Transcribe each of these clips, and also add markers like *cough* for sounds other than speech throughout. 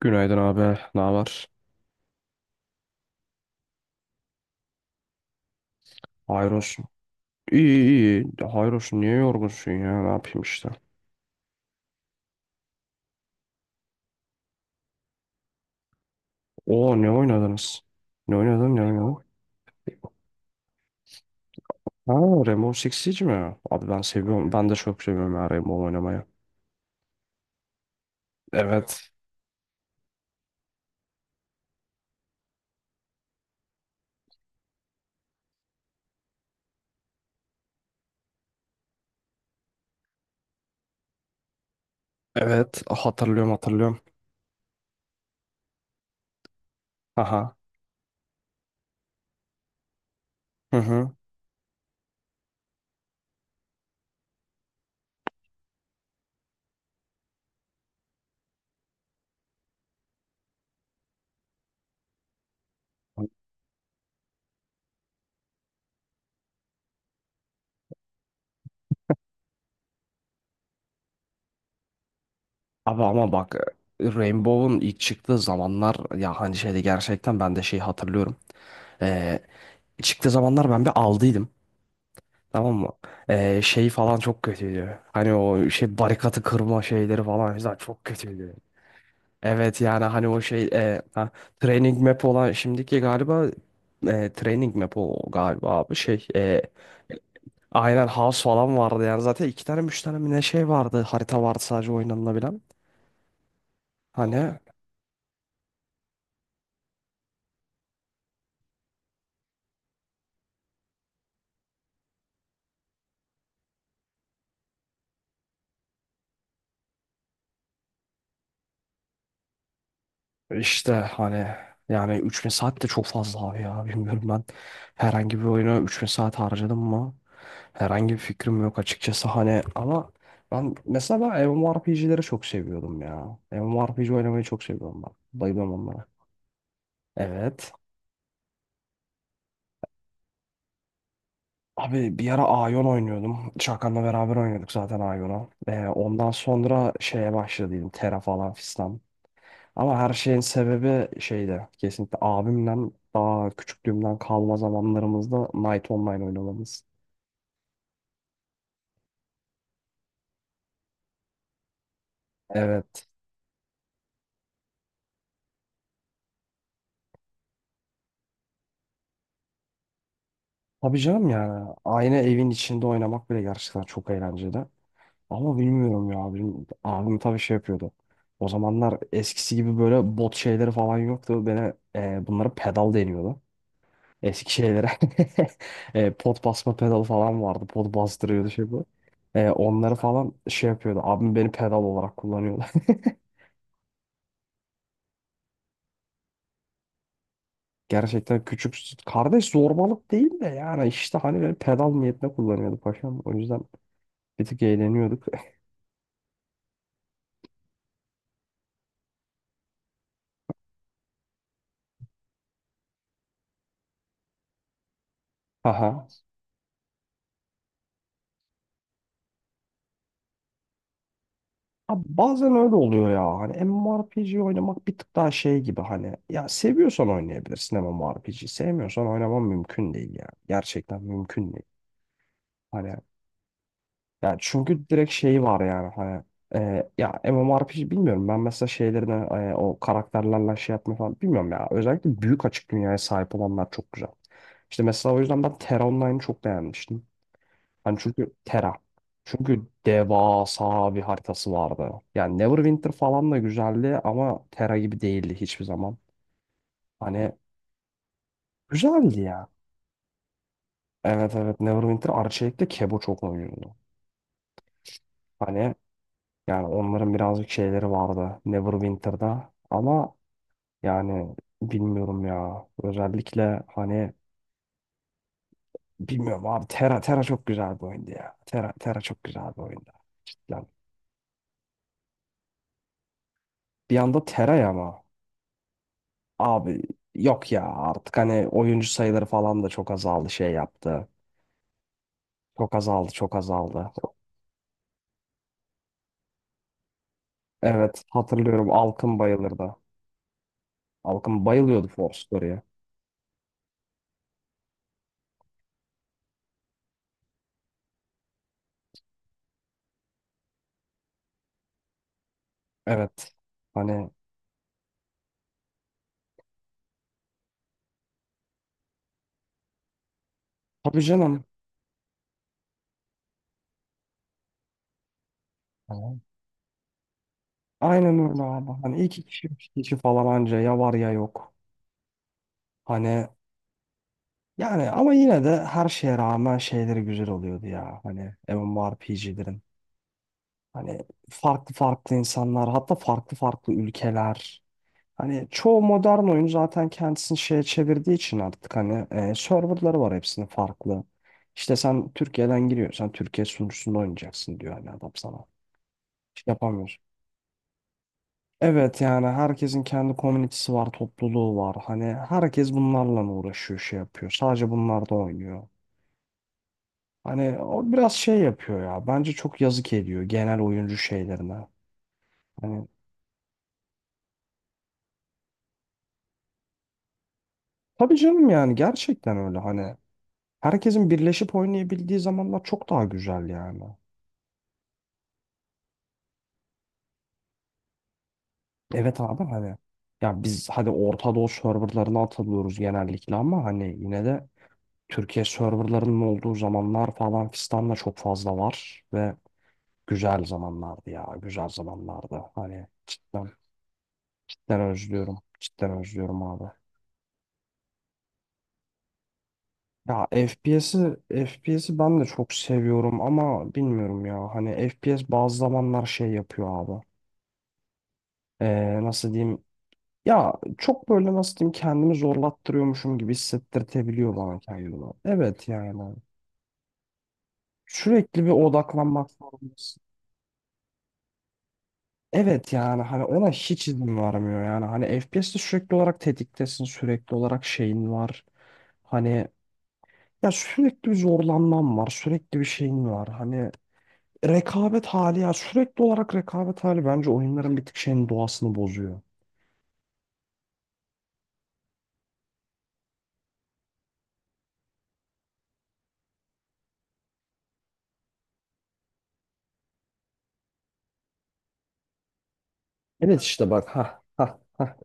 Günaydın abi. Ne var? Hayır olsun. İyi iyi. İyi. Hayır olsun. Niye yorgunsun ya? Ne yapayım işte. Oo, ne oynadınız? Ne oynadın? Ha, Rainbow Six Siege mi? Abi, ben seviyorum. Ben de çok seviyorum ya Rainbow oynamayı. Evet. Evet, hatırlıyorum, hatırlıyorum. Aha. Hı hı. Abi ama bak, Rainbow'un ilk çıktığı zamanlar ya hani şeyde, gerçekten ben de şeyi hatırlıyorum. Ee, Çıktığı zamanlar ben bir aldıydım. Tamam mı? Şey falan çok kötüydü. Hani o şey barikatı kırma şeyleri falan güzel, çok kötüydü. Evet yani hani o şey ha, training map olan şimdiki galiba, training map o galiba abi, şey, aynen house falan vardı, yani zaten iki tane üç tane mi ne şey vardı, harita vardı sadece oynanılabilen. Hani, İşte hani yani, 3000 saat de çok fazla abi ya, bilmiyorum, ben herhangi bir oyuna 3000 saat harcadım mı herhangi bir fikrim yok açıkçası hani. Ama ben mesela, ben MMORPG'leri çok seviyordum ya, MMORPG oynamayı çok seviyorum ben, bayılıyorum onlara. Evet abi, bir ara Aion oynuyordum, Çakan'la beraber oynuyorduk zaten Aion'u. Ondan sonra şeye başladıydım, Terra falan fistan. Ama her şeyin sebebi şeyde, kesinlikle abimden, daha küçüklüğümden kalma zamanlarımızda Night Online oynamamız. Evet. Tabii canım, yani aynı evin içinde oynamak bile gerçekten çok eğlenceli. Ama bilmiyorum ya, abim tabii şey yapıyordu. O zamanlar eskisi gibi böyle bot şeyleri falan yoktu. Beni bunlara pedal deniyordu. Eski şeylere *laughs* pot basma pedalı falan vardı. Pot bastırıyordu şey bu. Onları falan şey yapıyordu. Abim beni pedal olarak kullanıyordu. Gerçekten küçük kardeş zorbalık değil de, yani işte hani böyle pedal niyetine kullanıyorduk paşam. O yüzden bir tık eğleniyorduk. *laughs* Aha. Abi bazen öyle oluyor ya. Hani MMORPG oynamak bir tık daha şey gibi, hani ya seviyorsan oynayabilirsin MMORPG. Sevmiyorsan oynaman mümkün değil ya. Gerçekten mümkün değil. Hani yani çünkü direkt şeyi var yani hani ya MMORPG bilmiyorum, ben mesela şeylerine o karakterlerle şey yapma falan bilmiyorum ya. Özellikle büyük açık dünyaya sahip olanlar çok güzel. İşte mesela o yüzden ben Terra Online'ı çok beğenmiştim. Hani çünkü Terra. Çünkü devasa bir haritası vardı. Yani Neverwinter falan da güzeldi ama Terra gibi değildi hiçbir zaman. Hani güzeldi ya. Evet evet, Neverwinter Arçelik'te Kebo çok oynuyordu. Hani yani onların birazcık şeyleri vardı Neverwinter'da, ama yani bilmiyorum ya. Özellikle hani bilmiyorum abi, Terra Terra çok güzel bir oyundu ya. Terra Terra çok güzel bir oyundu. Cidden. Bir anda Terra, ama abi yok ya, artık hani oyuncu sayıları falan da çok azaldı, şey yaptı. Çok azaldı, çok azaldı. Evet, hatırlıyorum, Alkın bayılırdı. Alkın bayılıyordu Force Story'e. Evet. Hani, tabii canım. Aynen öyle abi. Hani iki kişi, üç kişi falan anca, ya var ya yok. Hani yani ama yine de her şeye rağmen şeyleri güzel oluyordu ya, hani MMORPG'lerin. Hani farklı farklı insanlar, hatta farklı farklı ülkeler. Hani çoğu modern oyun zaten kendisini şeye çevirdiği için artık hani serverları var hepsinin farklı. İşte sen Türkiye'den giriyorsan Türkiye sunucusunda oynayacaksın diyor hani adam sana. Yapamıyorsun. Evet yani herkesin kendi komünitesi var, topluluğu var. Hani herkes bunlarla uğraşıyor, şey yapıyor. Sadece bunlar da oynuyor. Hani o biraz şey yapıyor ya. Bence çok yazık ediyor genel oyuncu şeylerine. Hani tabii canım yani gerçekten öyle hani. Herkesin birleşip oynayabildiği zamanlar çok daha güzel yani. Evet abi hani. Ya biz hadi Orta Doğu serverlarına atılıyoruz genellikle ama hani yine de Türkiye serverlarının olduğu zamanlar falan fistanla çok fazla var ve güzel zamanlardı ya. Güzel zamanlardı. Hani cidden, cidden özlüyorum. Cidden özlüyorum abi. Ya FPS'i ben de çok seviyorum ama bilmiyorum ya. Hani FPS bazı zamanlar şey yapıyor abi. Nasıl diyeyim? Ya çok böyle nasıl diyeyim, kendimi zorlattırıyormuşum gibi hissettirtebiliyor bana kendimi. Evet yani. Sürekli bir odaklanmak zorundasın. Evet yani hani ona hiç izin varmıyor, yani hani FPS'te sürekli olarak tetiktesin, sürekli olarak şeyin var hani, ya sürekli bir zorlanman var, sürekli bir şeyin var hani, rekabet hali ya, sürekli olarak rekabet hali bence oyunların bir tık şeyin doğasını bozuyor. Evet işte bak, ha ha ha,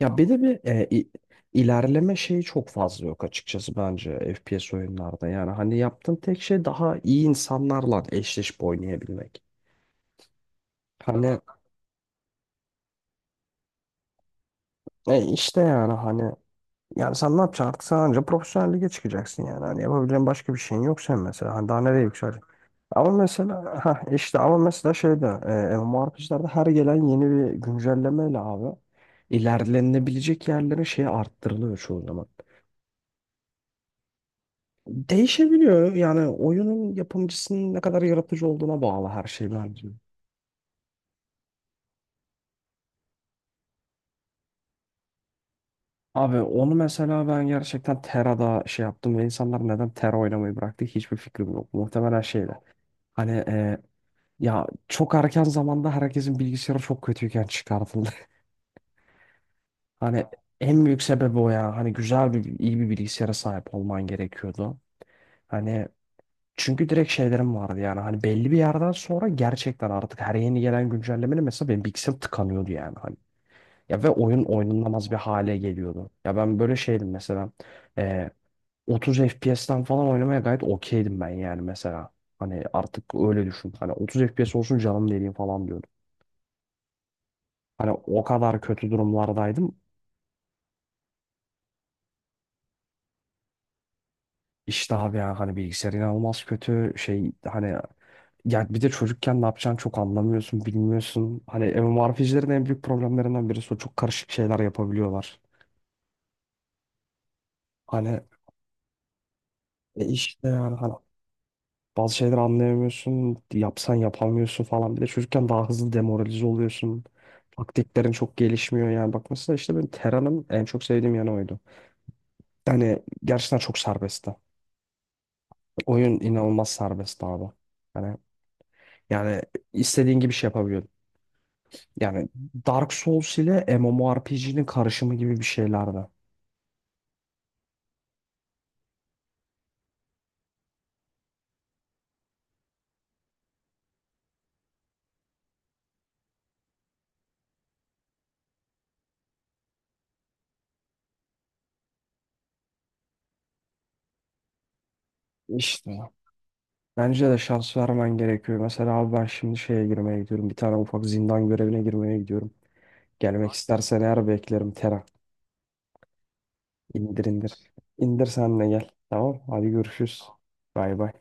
ya bir de bir ilerleme şeyi çok fazla yok açıkçası bence FPS oyunlarda, yani hani yaptığın tek şey daha iyi insanlarla eşleşip oynayabilmek. Hani işte yani hani, yani sen ne yapacaksın artık, sen anca profesyonel lige çıkacaksın yani. Hani yapabileceğin başka bir şeyin yok sen mesela. Hani daha nereye yükseleceksin? Ama mesela ha işte ama mesela şeyde MMORPG'lerde her gelen yeni bir güncellemeyle abi ilerlenebilecek yerlerin şeyi arttırılıyor çoğu zaman. Değişebiliyor yani, oyunun yapımcısının ne kadar yaratıcı olduğuna bağlı her şey bence. Abi onu mesela ben gerçekten Tera'da şey yaptım ve insanlar neden Tera oynamayı bıraktı hiçbir fikrim yok. Muhtemelen şeyle. Hani ya çok erken zamanda herkesin bilgisayarı çok kötüyken çıkartıldı. *laughs* Hani en büyük sebebi o ya. Hani güzel bir, iyi bir bilgisayara sahip olman gerekiyordu. Hani çünkü direkt şeylerim vardı yani. Hani belli bir yerden sonra gerçekten artık her yeni gelen güncellemeyle mesela benim bilgisayarım tıkanıyordu yani. Hani. Ya ve oyun oynanamaz bir hale geliyordu. Ya ben böyle şeydim mesela. Ee, 30 FPS'ten falan oynamaya gayet okeydim ben yani mesela. Hani artık öyle düşün. Hani 30 FPS olsun canım dediğim falan. Hani o kadar kötü durumlardaydım. İşte abi ya hani bilgisayar inanılmaz kötü şey hani, ya bir de çocukken ne yapacağını çok anlamıyorsun, bilmiyorsun. Hani MMORPG'lerin en büyük problemlerinden birisi o, çok karışık şeyler yapabiliyorlar. Hani işte yani hani bazı şeyleri anlayamıyorsun, yapsan yapamıyorsun falan, bir de çocukken daha hızlı demoralize oluyorsun. Taktiklerin çok gelişmiyor, yani bak mesela işte benim Terra'nın en çok sevdiğim yanı oydu. Yani gerçekten çok serbestti. Oyun inanılmaz serbestti abi. Hani yani istediğin gibi şey yapabiliyordun. Yani Dark Souls ile MMORPG'nin karışımı gibi bir şeylerdi. İşte. Bence de şans vermen gerekiyor. Mesela abi ben şimdi şeye girmeye gidiyorum. Bir tane ufak zindan görevine girmeye gidiyorum. Gelmek istersen eğer beklerim Tera. İndir indir. İndir sen de gel. Tamam. Hadi görüşürüz. Bay bay.